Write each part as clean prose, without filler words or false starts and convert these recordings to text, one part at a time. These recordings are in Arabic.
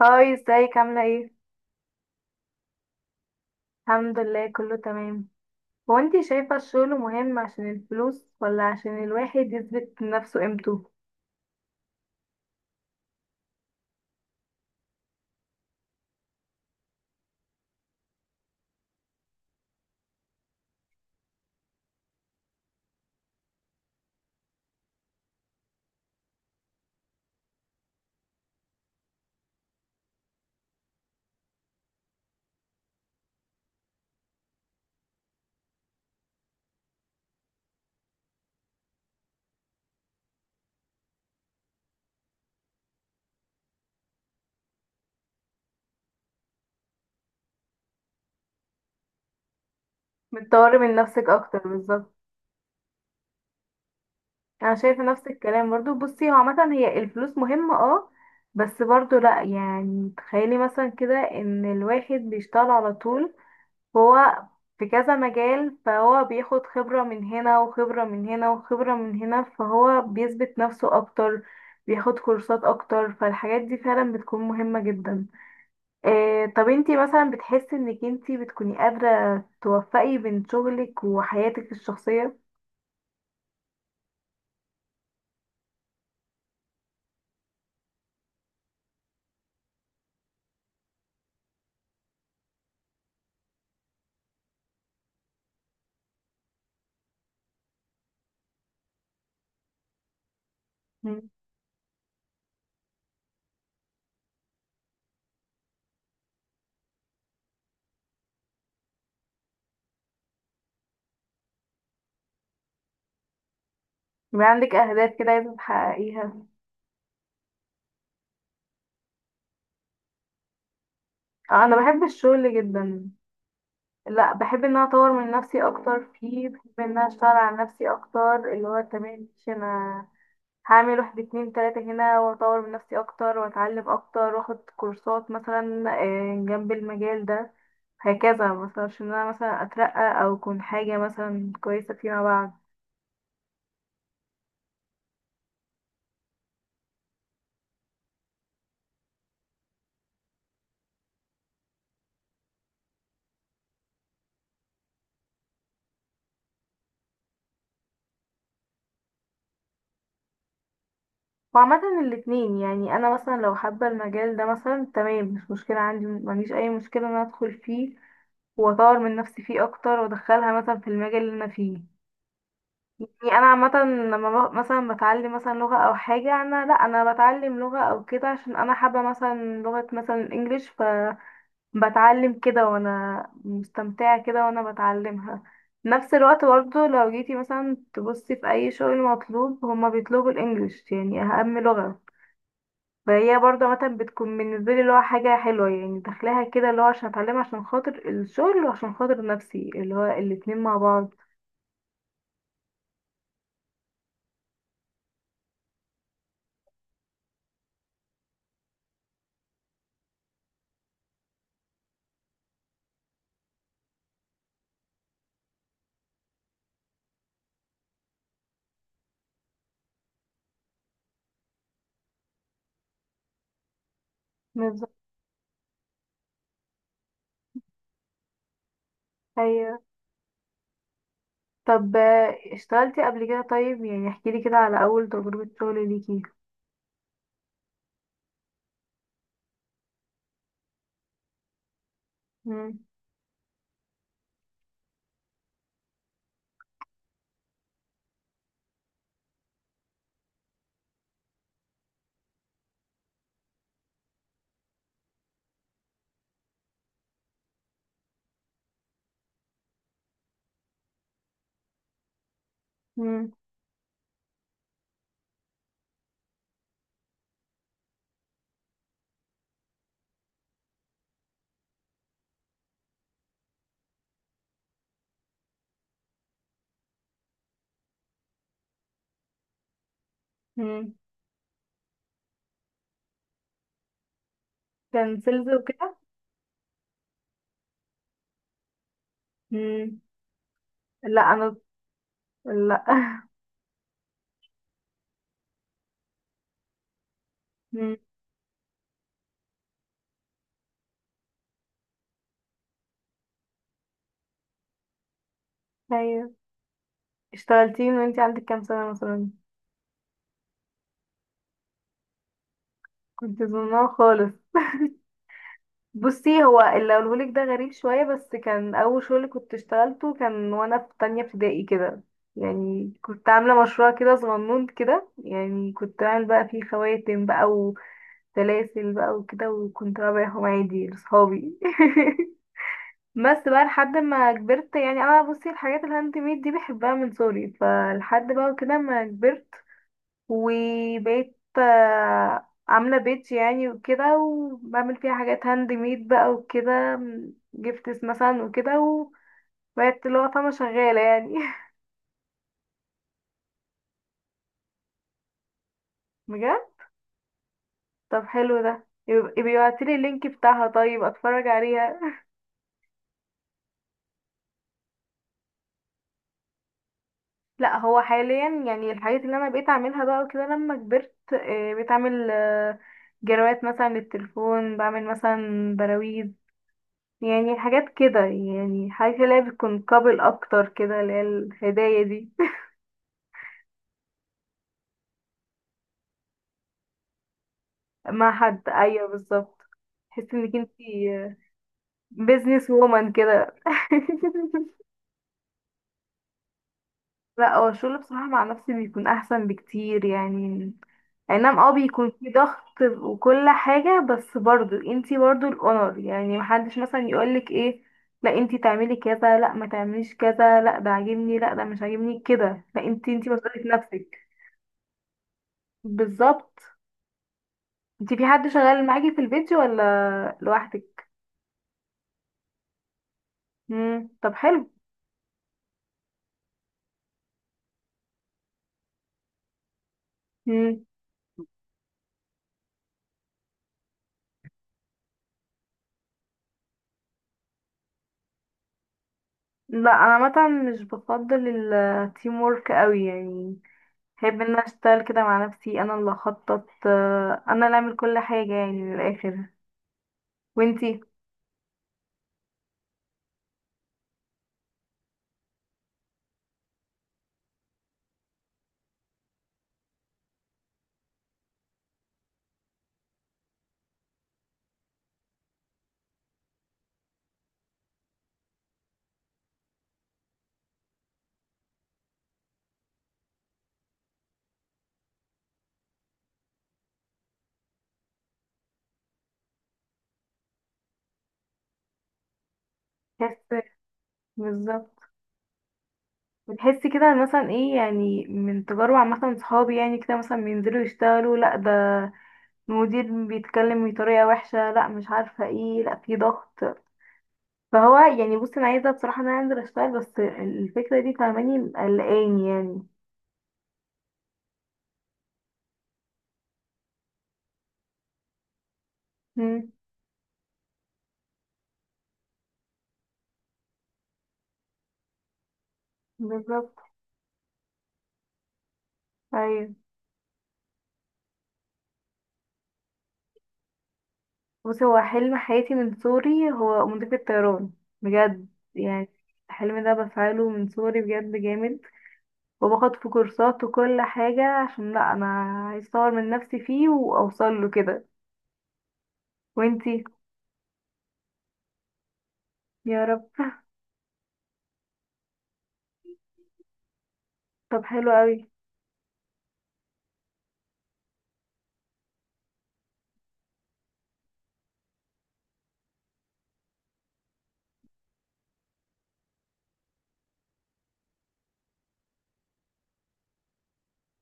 هاي، ازيك؟ عاملة ايه؟ الحمد لله، كله تمام. هو انتي شايفة الشغل مهم عشان الفلوس ولا عشان الواحد يثبت لنفسه قيمته؟ بتطوري من نفسك اكتر، بالظبط. انا شايفة نفس الكلام برضو. بصي، هو عامة هي الفلوس مهمة، اه، بس برضو لا، يعني تخيلي مثلا كده ان الواحد بيشتغل على طول هو في كذا مجال، فهو بياخد خبرة من هنا وخبرة من هنا وخبرة من هنا، فهو بيثبت نفسه أكتر، بياخد كورسات أكتر. فالحاجات دي فعلا بتكون مهمة جدا. إيه، طب انتي مثلا بتحسي انك انتي بتكوني قادرة توفقي بين شغلك وحياتك الشخصية؟ مم. يبقى عندك أهداف كده عايزة تحققيها. آه، أنا بحب الشغل جدا. لا، بحب ان انا اطور من نفسي اكتر فيه، بحب ان انا اشتغل على نفسي اكتر، اللي هو تمام ماشي، انا هعمل واحد اتنين تلاتة هنا، واطور من نفسي اكتر، واتعلم اكتر، واخد كورسات مثلا جنب المجال ده هكذا مثلا، عشان انا مثلا اترقى او اكون حاجة مثلا كويسة فيما بعد. وعامة الاتنين، يعني انا مثلا لو حابة المجال ده مثلا، تمام، مش مشكلة عندي، مفيش اي مشكلة ان انا ادخل فيه واطور من نفسي فيه اكتر، وادخلها مثلا في المجال اللي انا فيه. يعني انا عامه لما مثلا بتعلم مثلا لغه او حاجه، انا لا، انا بتعلم لغه او كده عشان انا حابه مثلا لغه، مثلا الانجليش، فبتعلم كده وانا مستمتعه كده وانا بتعلمها. نفس الوقت برضه لو جيتي مثلا تبصي في اي شغل مطلوب، هما بيطلبوا الانجليش، يعني اهم لغه، فهي برضه مثلا بتكون بالنسبه لي اللي هو حاجه حلوه، يعني داخلاها كده اللي هو عشان اتعلمها عشان خاطر الشغل وعشان خاطر نفسي، اللي هو الاتنين مع بعض. بالظبط. طب اشتغلتي قبل كده؟ طيب يعني احكي لي كده على اول تجربة شغل ليكي. مم. مم. مم. كان سيلز وكده. مم. لا، انا. لا. مم. ايوه. اشتغلتي من وانتي عندك كام سنة مثلا؟ كنت ظنها خالص. بصي، هو اللي اقولهولك ده غريب شوية، بس كان اول شغل كنت اشتغلته كان وانا في تانية ابتدائي كده. يعني كنت عاملة مشروع كده صغنون كده، يعني كنت عامل بقى فيه خواتم بقى، سلاسل بقى وكده، وكنت بقى ببيعهم عادي لصحابي. بس بقى لحد ما كبرت. يعني انا بصي الحاجات الهاند ميد دي بحبها من صغري، فلحد بقى كده ما كبرت وبقيت عاملة بيت يعني وكده، وبعمل فيها حاجات هاند ميد بقى وكده، جفتس مثلا وكده، وبقيت اللي هو فاهمة شغالة يعني. بجد. طب حلو ده، يبقى يبعتيلي اللينك بتاعها، طيب اتفرج عليها. لا، هو حاليا يعني الحاجات اللي انا بقيت اعملها بقى كده لما كبرت، بقيت اعمل جروات مثلا للتليفون، بعمل مثلا براويز، يعني حاجات كده، يعني حاجات اللي هي بتكون قابل اكتر كده، اللي هي الهدايا دي. مع حد، ايوه، بالظبط. تحسي انك انتي بيزنس وومن كده. لا، هو الشغل بصراحة مع نفسي بيكون أحسن بكتير يعني. أي نعم، اه، بيكون في ضغط وكل حاجة، بس برضو انتي برضو الأونر، يعني محدش مثلا يقولك ايه، لا انتي تعملي كذا، لا ما تعمليش كذا، لا ده عاجبني، لا ده مش عاجبني كده، لا، انتي انتي مسؤولة نفسك. بالظبط. انتي في حد شغال معاكي في البيت ولا لوحدك؟ مم. طب حلو. مم. لا، انا مثلا مش بفضل التيم وورك قوي يعني. احب ان أنا اشتغل كده مع نفسي، انا اللي اخطط انا اللي اعمل كل حاجة، يعني من الاخر. وانتي؟ بتحسي. بالظبط. بتحسي كده مثلا ايه؟ يعني من تجارب عامة صحابي يعني كده، مثلا بينزلوا يشتغلوا، لا ده المدير بيتكلم بطريقة وحشة، لا مش عارفة ايه، لا في ضغط. فهو يعني، بصي انا عايزة بصراحة ان انا انزل اشتغل، بس الفكرة دي فاهماني قلقاني يعني. مم. بالظبط. ايوه. بصي، هو حلم حياتي من صغري هو مضيف الطيران. بجد. يعني الحلم ده بفعله من صغري، بجد جامد. وباخد في كورسات وكل حاجة، عشان لا انا عايز اطور من نفسي فيه واوصل له كده. وانتي؟ يا رب. طب حلو قوي.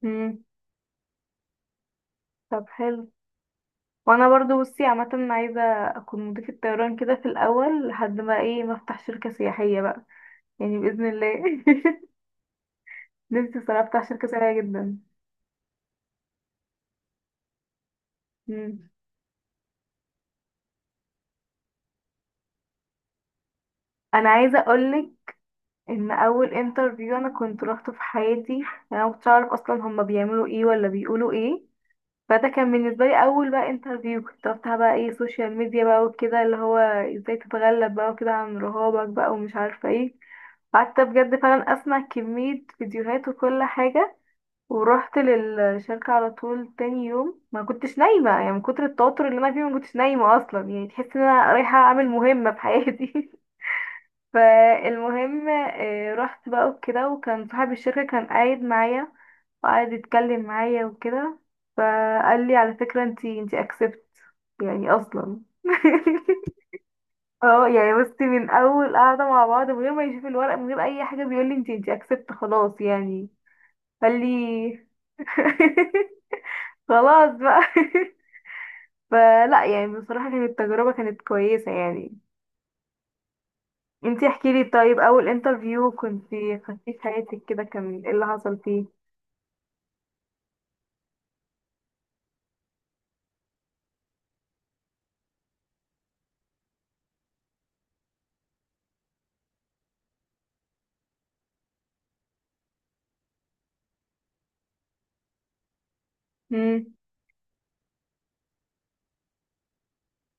امم طب حلو. وانا برضو، بصي عامة عايزة اكون مضيفة الطيران كده في الاول، لحد ما ايه، ما افتح شركة سياحية بقى، يعني بإذن الله. نفسي صراحة افتح شركة سياحية جدا. مم. انا عايزة اقولك ان اول انترفيو انا كنت روحته في حياتي، انا مكنتش اعرف اصلا هما بيعملوا ايه ولا بيقولوا ايه، فده كان بالنسبه لي اول بقى انترفيو، كنت رحتها بقى ايه، سوشيال ميديا بقى وكده، اللي هو ازاي تتغلب بقى وكده عن رهابك بقى ومش عارفه ايه. قعدت بجد فعلا اسمع كميه فيديوهات وكل حاجه، ورحت للشركه على طول تاني يوم. ما كنتش نايمه يعني من كتر التوتر اللي انا فيه، ما كنتش نايمه اصلا، يعني تحس ان انا رايحه اعمل مهمه في حياتي. فالمهم رحت بقى وكده، وكان صاحب الشركة كان قاعد معايا، وقعد يتكلم معايا وكده، فقال لي على فكرة، انتي اكسبت، يعني اصلا. اه، يعني بصي، من اول قعدة مع بعض، من غير ما يشوف الورق، من غير اي حاجة، بيقول لي انتي اكسبت خلاص، يعني قال لي. خلاص بقى. فلا، يعني بصراحة كانت التجربة كانت كويسة يعني. انتي احكي لي، طيب اول انترفيو كنتي خدتيه في حياتك كده، كان ايه اللي حصل فيه؟ مم.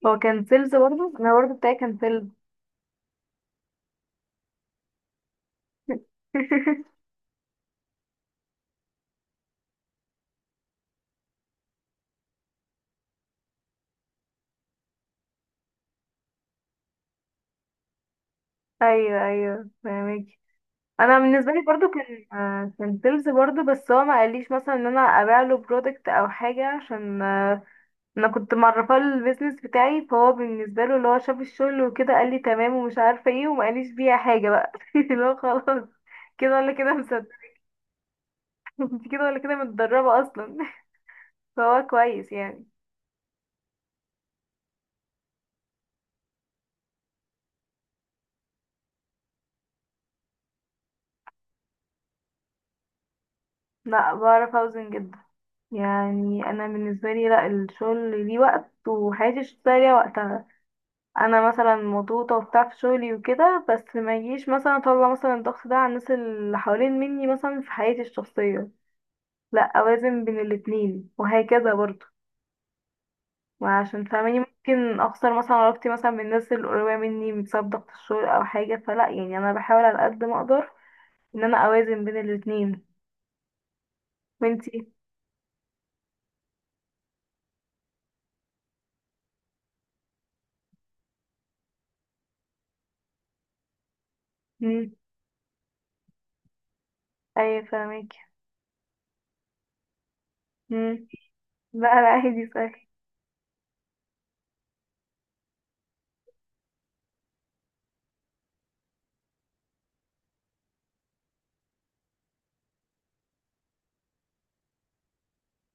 هو كان سيلز برضه، انا برضه بتاعي كان سيلز. ايوه، ايوه، فاهمك. انا بالنسبه لي برضه كان سيلز برضه، بس هو ما قاليش مثلا ان انا ابيع له برودكت او حاجه، عشان انا كنت معرفاه البيزنس بتاعي، فهو بالنسبه له اللي هو شاف الشغل وكده قال لي تمام ومش عارفه ايه، وما قاليش بيها حاجه بقى. اللي هو خلاص، كده ولا كده، مصدق. انت كده ولا كده متدربه اصلا. فهو كويس يعني. لا، بعرف اوزن جدا. يعني انا بالنسبه لي لا، الشغل ليه وقت وحياتي الشخصيه ليها وقتها. انا مثلا مضغوطه وبتاع في شغلي وكده، بس ما يجيش مثلا اطلع مثلا الضغط ده على الناس اللي حوالين مني مثلا في حياتي الشخصيه، لا، اوازن بين الاتنين وهكذا برضه. وعشان فاهماني ممكن اخسر مثلا علاقتي مثلا بالناس القريبه مني بسبب ضغط الشغل او حاجه، فلا، يعني انا بحاول على قد ما اقدر ان انا اوازن بين الاتنين. وانتي؟ امم ايوه فاهمك. امم لا لا، عادي، صحيح.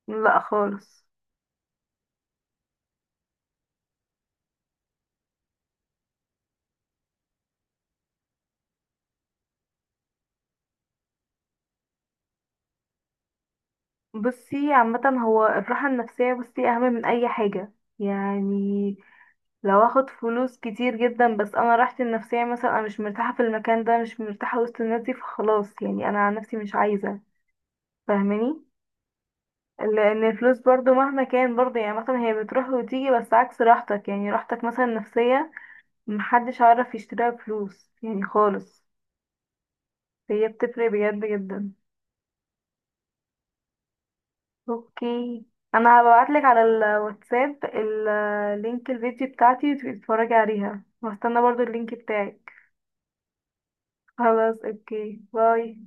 لا خالص. بصي عامة هو الراحة النفسية، بصي أهم من أي حاجة يعني. لو اخد فلوس كتير جدا بس أنا راحتي النفسية، مثلا أنا مش مرتاحة في المكان ده، مش مرتاحة وسط الناس دي، فخلاص يعني أنا عن نفسي مش عايزة. فاهماني، لأن الفلوس برضو مهما كان برضو يعني مثلا هي بتروح وتيجي، بس عكس راحتك، يعني راحتك مثلا النفسية محدش عارف يشتريها بفلوس يعني خالص، هي بتفرق بجد جدا. اوكي، انا هبعتلك على الواتساب اللينك الفيديو بتاعتي، وتبقي تتفرجي عليها، وهستنى برضو اللينك بتاعك. خلاص، اوكي، باي.